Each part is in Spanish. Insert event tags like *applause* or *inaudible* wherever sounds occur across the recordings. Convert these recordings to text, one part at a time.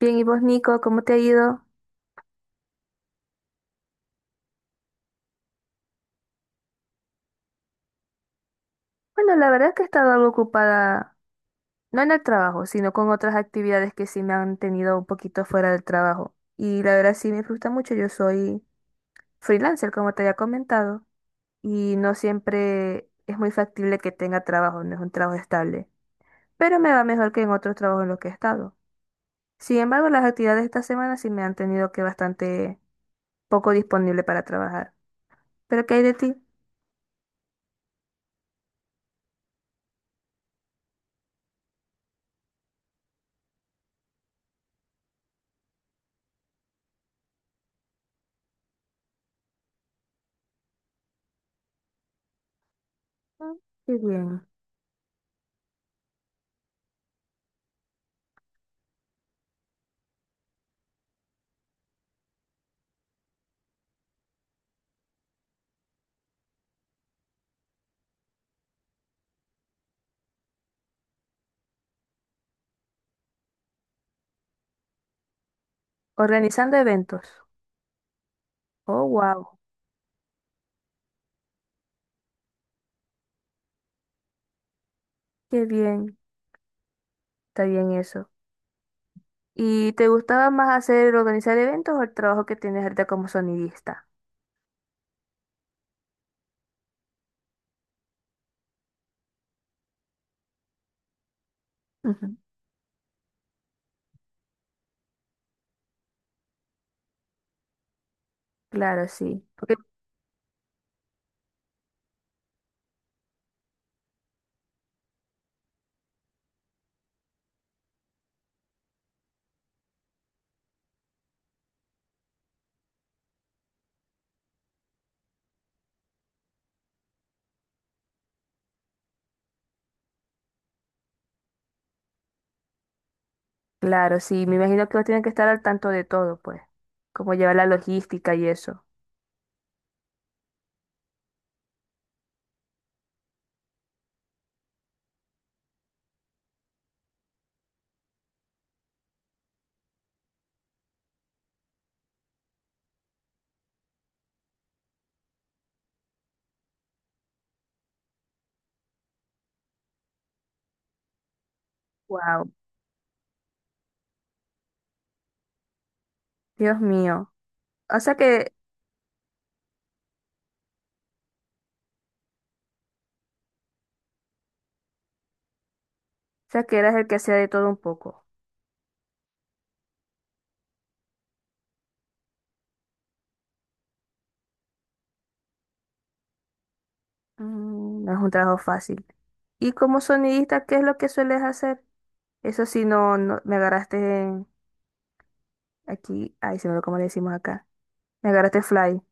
Bien, ¿y vos, Nico, cómo te ha ido? Bueno, la verdad es que he estado algo ocupada, no en el trabajo, sino con otras actividades que sí me han tenido un poquito fuera del trabajo. Y la verdad sí me frustra mucho, yo soy freelancer, como te había comentado, y no siempre es muy factible que tenga trabajo, no es un trabajo estable, pero me va mejor que en otros trabajos en los que he estado. Sin embargo, las actividades de esta semana sí me han tenido que bastante poco disponible para trabajar. ¿Pero qué hay de ti? Mm. Qué bien. Organizando eventos. Oh, wow. Qué bien, está bien eso. ¿Y te gustaba más hacer organizar eventos o el trabajo que tienes ahorita como sonidista? Ujú. Claro, sí. Porque, claro, sí. Me imagino que vos tienen que estar al tanto de todo, pues. Como llevar la logística y eso. Wow. Dios mío. O sea que, o sea que eras el que hacía de todo un poco. Mm, no es un trabajo fácil. Y como sonidista, ¿qué es lo que sueles hacer? Eso sí, no me agarraste en- aquí. Ay, se me olvidó cómo le decimos acá. Me agarraste fly.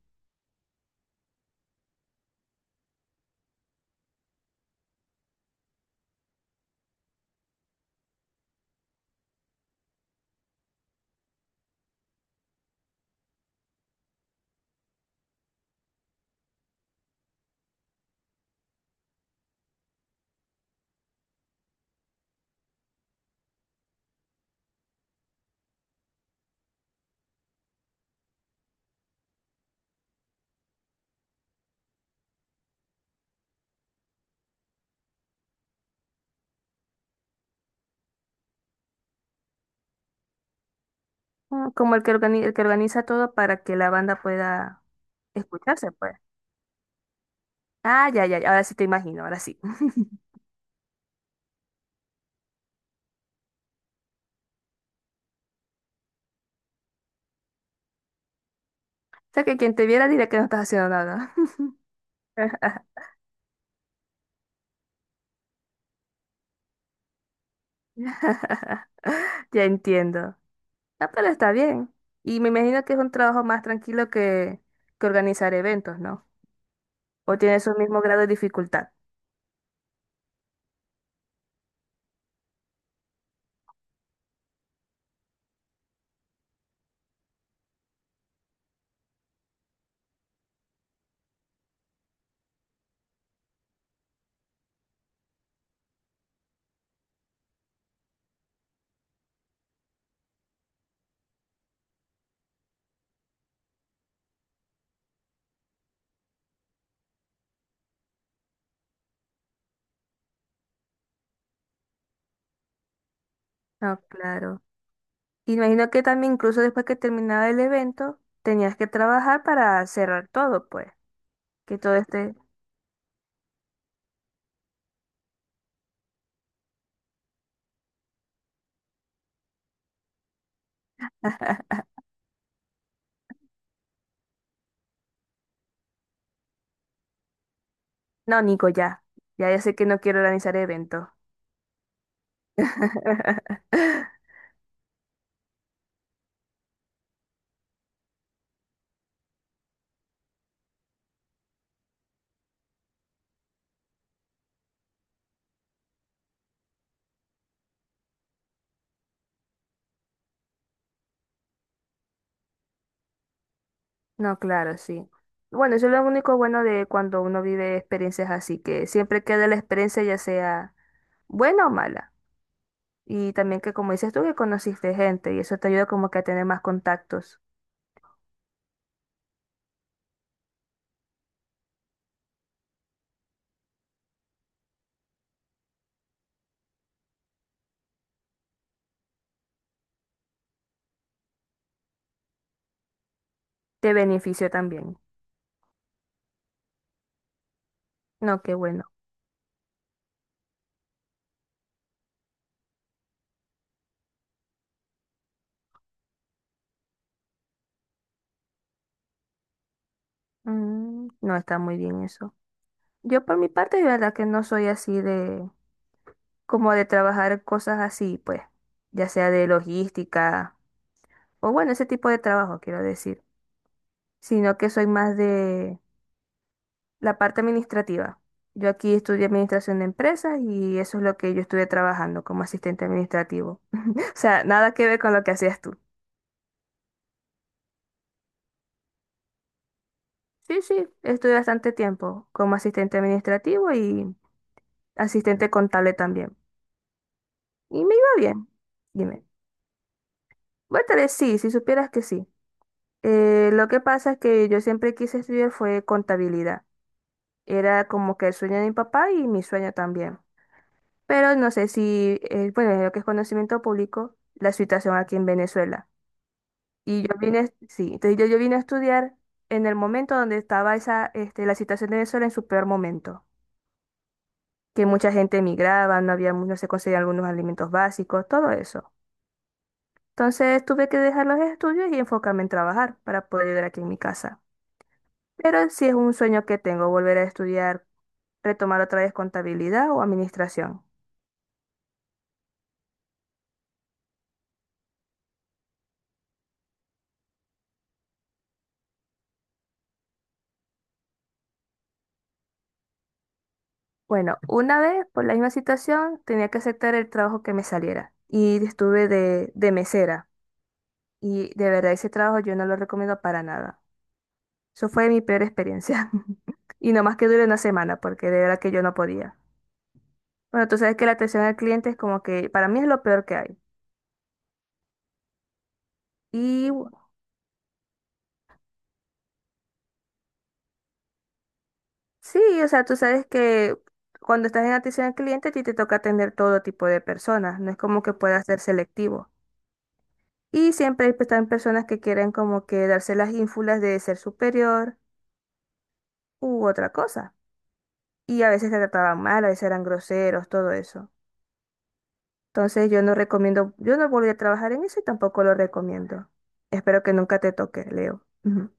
Ah, como el que organiza todo para que la banda pueda escucharse, pues. Ah, ya, ya, ya, ahora sí te imagino, ahora sí. *laughs* O sea que quien te viera diría que no estás haciendo nada. *laughs* Ya entiendo. Ah, pero está bien. Y me imagino que es un trabajo más tranquilo que organizar eventos, ¿no? O tiene su mismo grado de dificultad. Ah, claro. Y me imagino que también incluso después que terminaba el evento, tenías que trabajar para cerrar todo, pues. Que todo esté. No, Nico, ya. Ya, ya sé que no quiero organizar eventos. *laughs* No, claro, sí. Bueno, eso es lo único bueno de cuando uno vive experiencias así, que siempre queda la experiencia ya sea buena o mala. Y también que como dices tú, que conociste gente y eso te ayuda como que a tener más contactos. Te beneficio también. No, qué bueno. Mm, no está muy bien eso. Yo por mi parte, de verdad que no soy así de como de trabajar cosas así, pues, ya sea de logística, o bueno, ese tipo de trabajo, quiero decir, sino que soy más de la parte administrativa. Yo aquí estudié administración de empresas y eso es lo que yo estuve trabajando como asistente administrativo. *laughs* O sea, nada que ver con lo que hacías tú. Sí, sí, estuve bastante tiempo como asistente administrativo y asistente contable también. Y me iba bien, dime. Bueno, tal vez sí, si supieras que sí. Lo que pasa es que yo siempre quise estudiar fue contabilidad. Era como que el sueño de mi papá y mi sueño también. Pero no sé si, bueno, en lo que es conocimiento público, la situación aquí en Venezuela. Y yo vine, sí, entonces yo vine a estudiar en el momento donde estaba esa, la situación de Venezuela en su peor momento, que mucha gente emigraba, no había, mu- no se conseguían algunos alimentos básicos, todo eso. Entonces tuve que dejar los estudios y enfocarme en trabajar para poder ayudar aquí en mi casa. Pero sí es un sueño que tengo, volver a estudiar, retomar otra vez contabilidad o administración. Bueno, una vez, por la misma situación, tenía que aceptar el trabajo que me saliera y estuve de mesera. Y de verdad, ese trabajo yo no lo recomiendo para nada. Eso fue mi peor experiencia. *laughs* Y nomás que dure una semana, porque de verdad que yo no podía. Bueno, tú sabes que la atención al cliente es como que para mí es lo peor que hay. Y sí, o sea, tú sabes que cuando estás en atención al cliente, a ti te toca atender todo tipo de personas. No es como que puedas ser selectivo. Y siempre hay, pues, están personas que quieren como que darse las ínfulas de ser superior u otra cosa. Y a veces te trataban mal, a veces eran groseros, todo eso. Entonces yo no recomiendo, yo no volví a trabajar en eso y tampoco lo recomiendo. Espero que nunca te toque, Leo. *laughs* Ujú.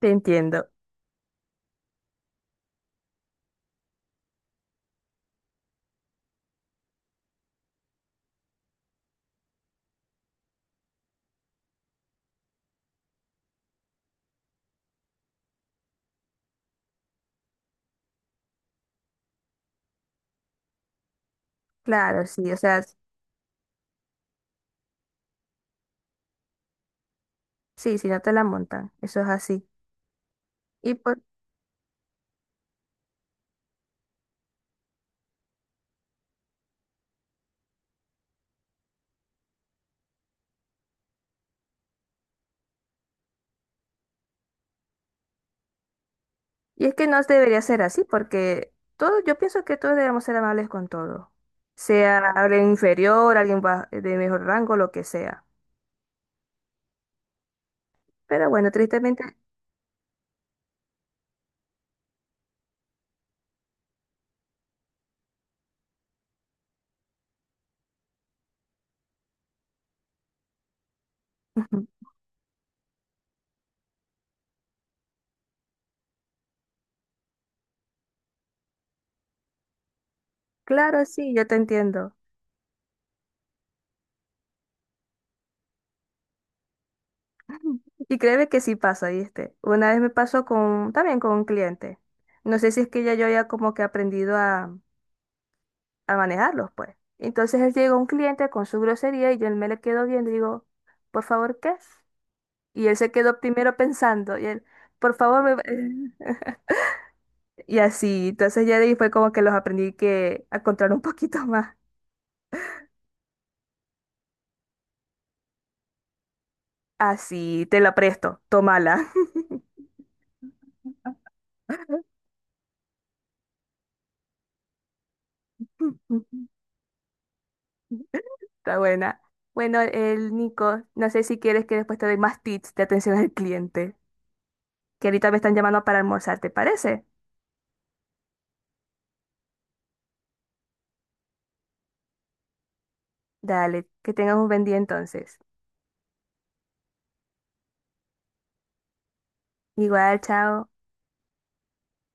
Te entiendo. Claro, sí, o sea, sí, si no te la montan, eso es así. Y, por, y es que no debería ser así, porque todo, yo pienso que todos debemos ser amables con todo. Sea alguien inferior, alguien ba- de mejor rango, lo que sea. Pero bueno, tristemente, *laughs* claro, sí, yo te entiendo. *laughs* Y créeme que sí pasa, ¿viste? Una vez me pasó con, también con un cliente. No sé si es que ya yo había como que aprendido a manejarlos, pues. Entonces él llegó un cliente con su grosería y yo me le quedo viendo y digo, por favor, ¿qué es? Y él se quedó primero pensando y él, por favor, me... va-". *laughs* Y así. Entonces ya de ahí fue como que los aprendí que a controlar un poquito *laughs* más. Así, te la presto, tómala. *laughs* Está buena. Bueno, el Nico, no sé si quieres que después te doy más tips de atención al cliente, que ahorita me están llamando para almorzar, ¿te parece? Dale, que tengas un buen día entonces. Igual, chao.